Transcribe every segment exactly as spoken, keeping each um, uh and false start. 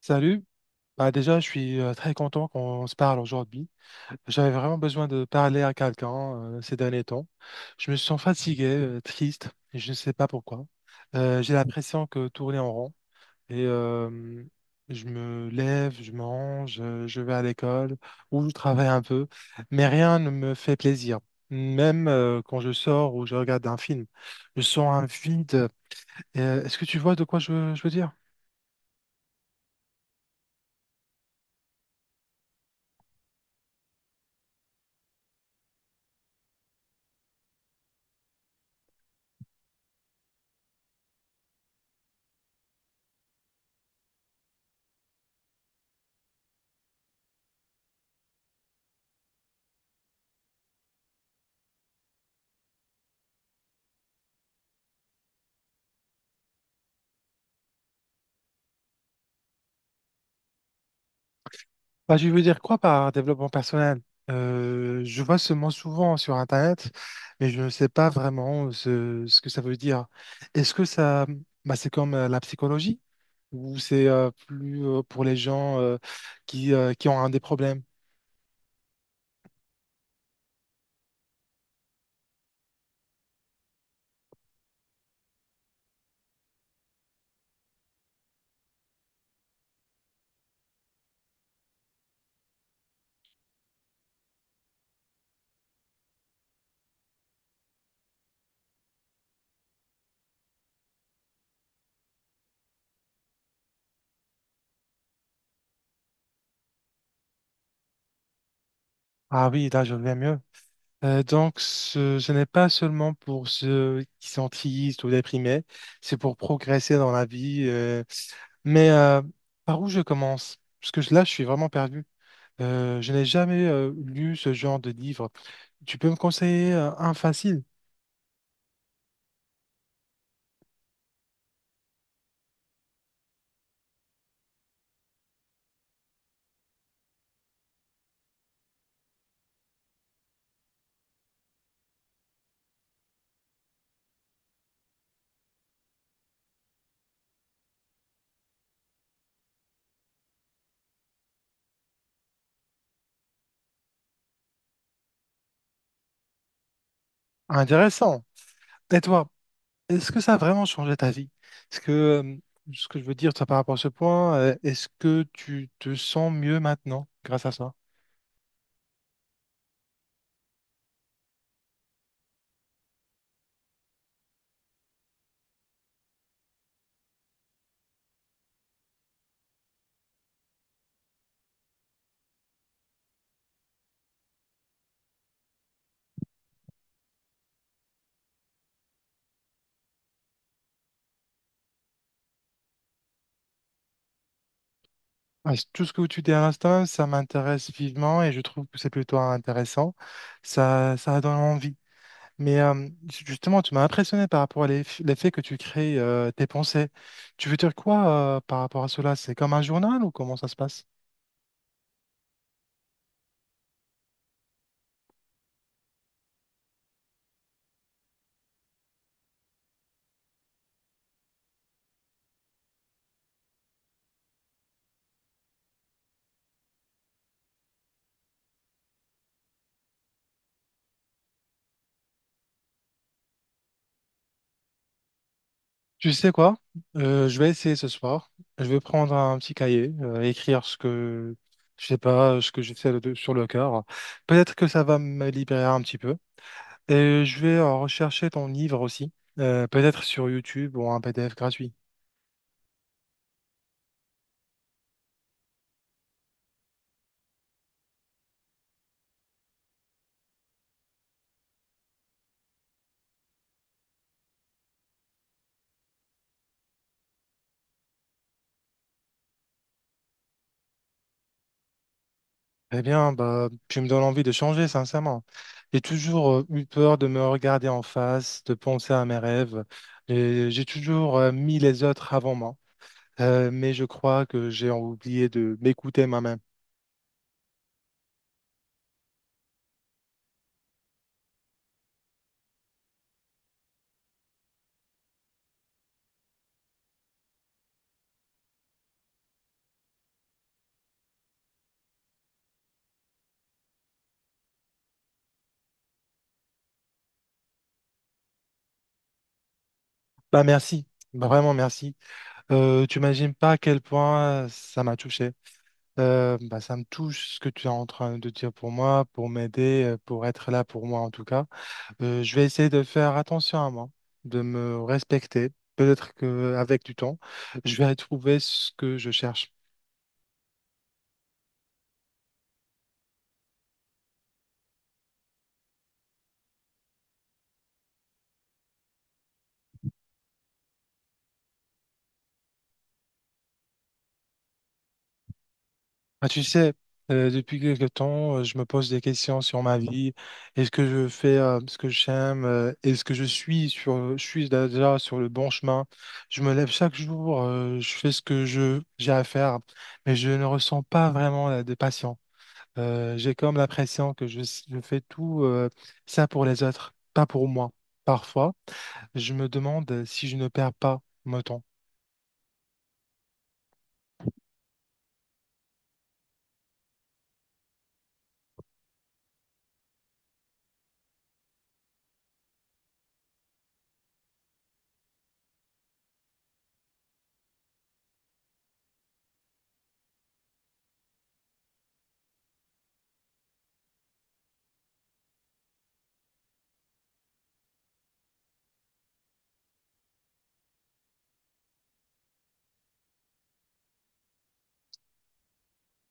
Salut. Bah déjà, je suis euh, très content qu'on se parle aujourd'hui. J'avais vraiment besoin de parler à quelqu'un euh, ces derniers temps. Je me sens fatigué, euh, triste, et je ne sais pas pourquoi. Euh, j'ai l'impression que tourner en rond. Et euh, je me lève, je mange, euh, je vais à l'école ou je travaille un peu, mais rien ne me fait plaisir. Même euh, quand je sors ou je regarde un film, je sens un vide. Euh, est-ce que tu vois de quoi je je veux dire? Bah, je veux dire quoi par développement personnel? Euh, je vois ce mot souvent sur Internet, mais je ne sais pas vraiment ce, ce que ça veut dire. Est-ce que ça, bah, c'est comme euh, la psychologie ou c'est euh, plus euh, pour les gens euh, qui, euh, qui ont un des problèmes? Ah oui, là, je vais mieux. Euh, donc, ce, ce n'est pas seulement pour ceux qui sont tristes ou déprimés, c'est pour progresser dans la vie. euh. Mais euh, par où je commence? Parce que là, je suis vraiment perdu. Euh, je n'ai jamais euh, lu ce genre de livre. Tu peux me conseiller euh, un facile, intéressant. Et toi, est-ce que ça a vraiment changé ta vie? Est-ce que euh, ce que je veux dire toi, par rapport à ce point, euh, est-ce que tu te sens mieux maintenant grâce à ça? Ah, c- tout ce que tu dis à l'instant, ça m'intéresse vivement et je trouve que c'est plutôt intéressant. Ça, ça donne envie. Mais euh, justement, tu m'as impressionné par rapport à l'eff- l'effet que tu crées euh, tes pensées. Tu veux dire quoi euh, par rapport à cela? C'est comme un journal ou comment ça se passe? Tu sais quoi? Euh, je vais essayer ce soir. Je vais prendre un petit cahier, euh, écrire ce que je sais pas, ce que j'ai fait de- sur le cœur. Peut-être que ça va me libérer un petit peu. Et je vais euh, rechercher ton livre aussi, euh, peut-être sur YouTube ou un P D F gratuit. Eh bien, bah, tu me donnes envie de changer, sincèrement. J'ai toujours euh, eu peur de me regarder en face, de penser à mes rêves. Et j'ai toujours euh, mis les autres avant moi. Euh, mais je crois que j'ai oublié de m'écouter moi-même. Bah, merci. Bah, vraiment, merci. Euh, tu imagines pas à quel point ça m'a touché. Euh, bah, ça me touche ce que tu es en train de dire pour moi, pour m'aider, euh, pour être là pour moi en tout cas. Euh, je vais essayer de faire attention à moi, de me respecter. Peut-être qu'avec du temps, je vais trouver ce que je cherche. Ah, tu sais, euh, depuis quelque temps, euh, je me pose des questions sur ma vie. Est-ce que je fais euh, ce que j'aime? euh, Est-ce que je suis sur, je suis déjà sur le bon chemin? Je me lève chaque jour, euh, je fais ce que je, j'ai à faire, mais je ne ressens pas vraiment la de passion. Euh, j'ai comme l'impression que je, je fais tout euh, ça pour les autres, pas pour moi. Parfois, je me demande si je ne perds pas mon temps.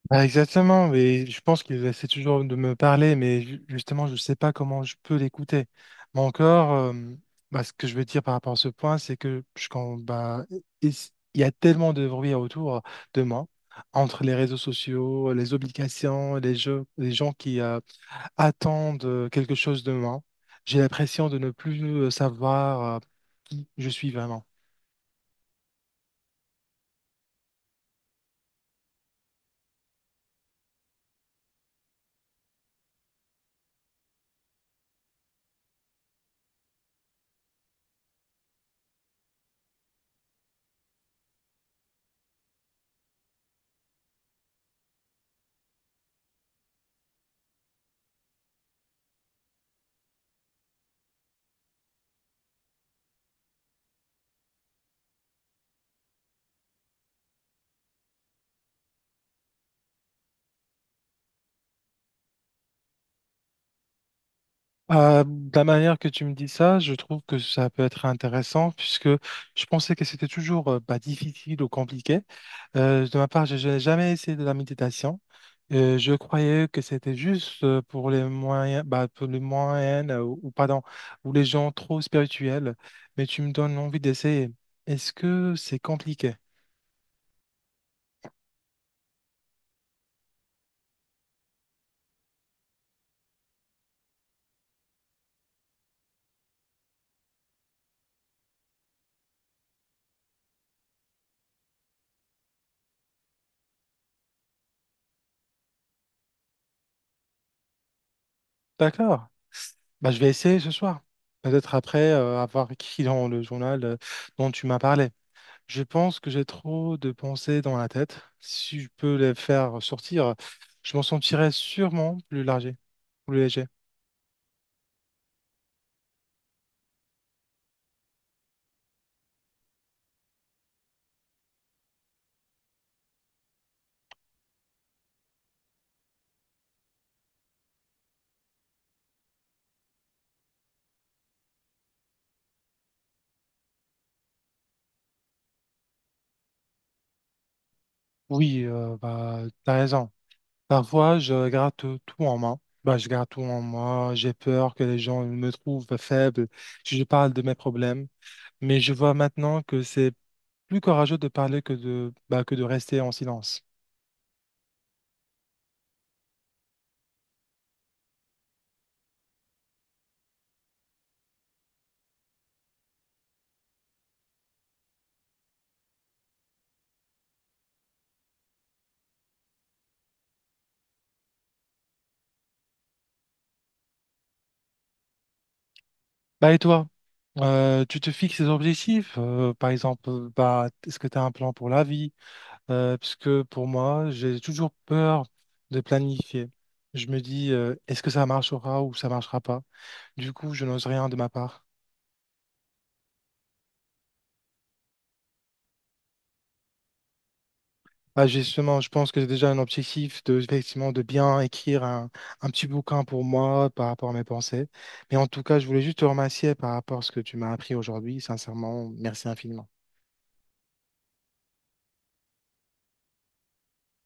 Bah, exactement, mais je pense qu'il essaie toujours de me parler, mais ju- justement, je ne sais pas comment je peux l'écouter. Mais encore, euh, bah, ce que je veux dire par rapport à ce point, c'est que je, quand, bah, il s- il y a tellement de bruit autour de moi, entre les réseaux sociaux, les obligations, les jeux, les gens qui, euh, attendent quelque chose de moi. J'ai l'impression de ne plus euh, savoir euh, qui je suis vraiment. Euh, de la manière que tu me dis ça, je trouve que ça peut être intéressant puisque je pensais que c'était toujours euh, bah, difficile ou compliqué. Euh, de ma part, je n'ai jamais essayé de la méditation. Euh, je croyais que c'était juste euh, pour les moyens, bah, pour les moyennes euh, ou, ou pardon, ou les gens trop spirituels, mais tu me donnes envie d'essayer. Est-ce que c'est compliqué? D'accord. Bah, je vais essayer ce soir. Peut-être après euh, avoir écrit dans le journal euh, dont tu m'as parlé. Je pense que j'ai trop de pensées dans la tête. Si je peux les faire sortir, je m'en sentirais sûrement plus largé, plus léger. Oui, euh, bah, t'as raison. Parfois, je garde tout en main. Bah, je garde tout en moi. J'ai peur que les gens me trouvent faible si je parle de mes problèmes. Mais je vois maintenant que c'est plus courageux de parler que de, bah, que de rester en silence. Bah et toi, Euh, tu te fixes des objectifs, euh, par exemple, euh, bah, est-ce que tu as un plan pour la vie? Euh, parce que pour moi, j'ai toujours peur de planifier. Je me dis, euh, est-ce que ça marchera ou ça marchera pas? Du coup, je n'ose rien de ma part. Bah, justement, je pense que j'ai déjà un objectif de, effectivement, de bien écrire un, un petit bouquin pour moi par rapport à mes pensées. Mais en tout cas, je voulais juste te remercier par rapport à ce que tu m'as appris aujourd'hui. Sincèrement, merci infiniment.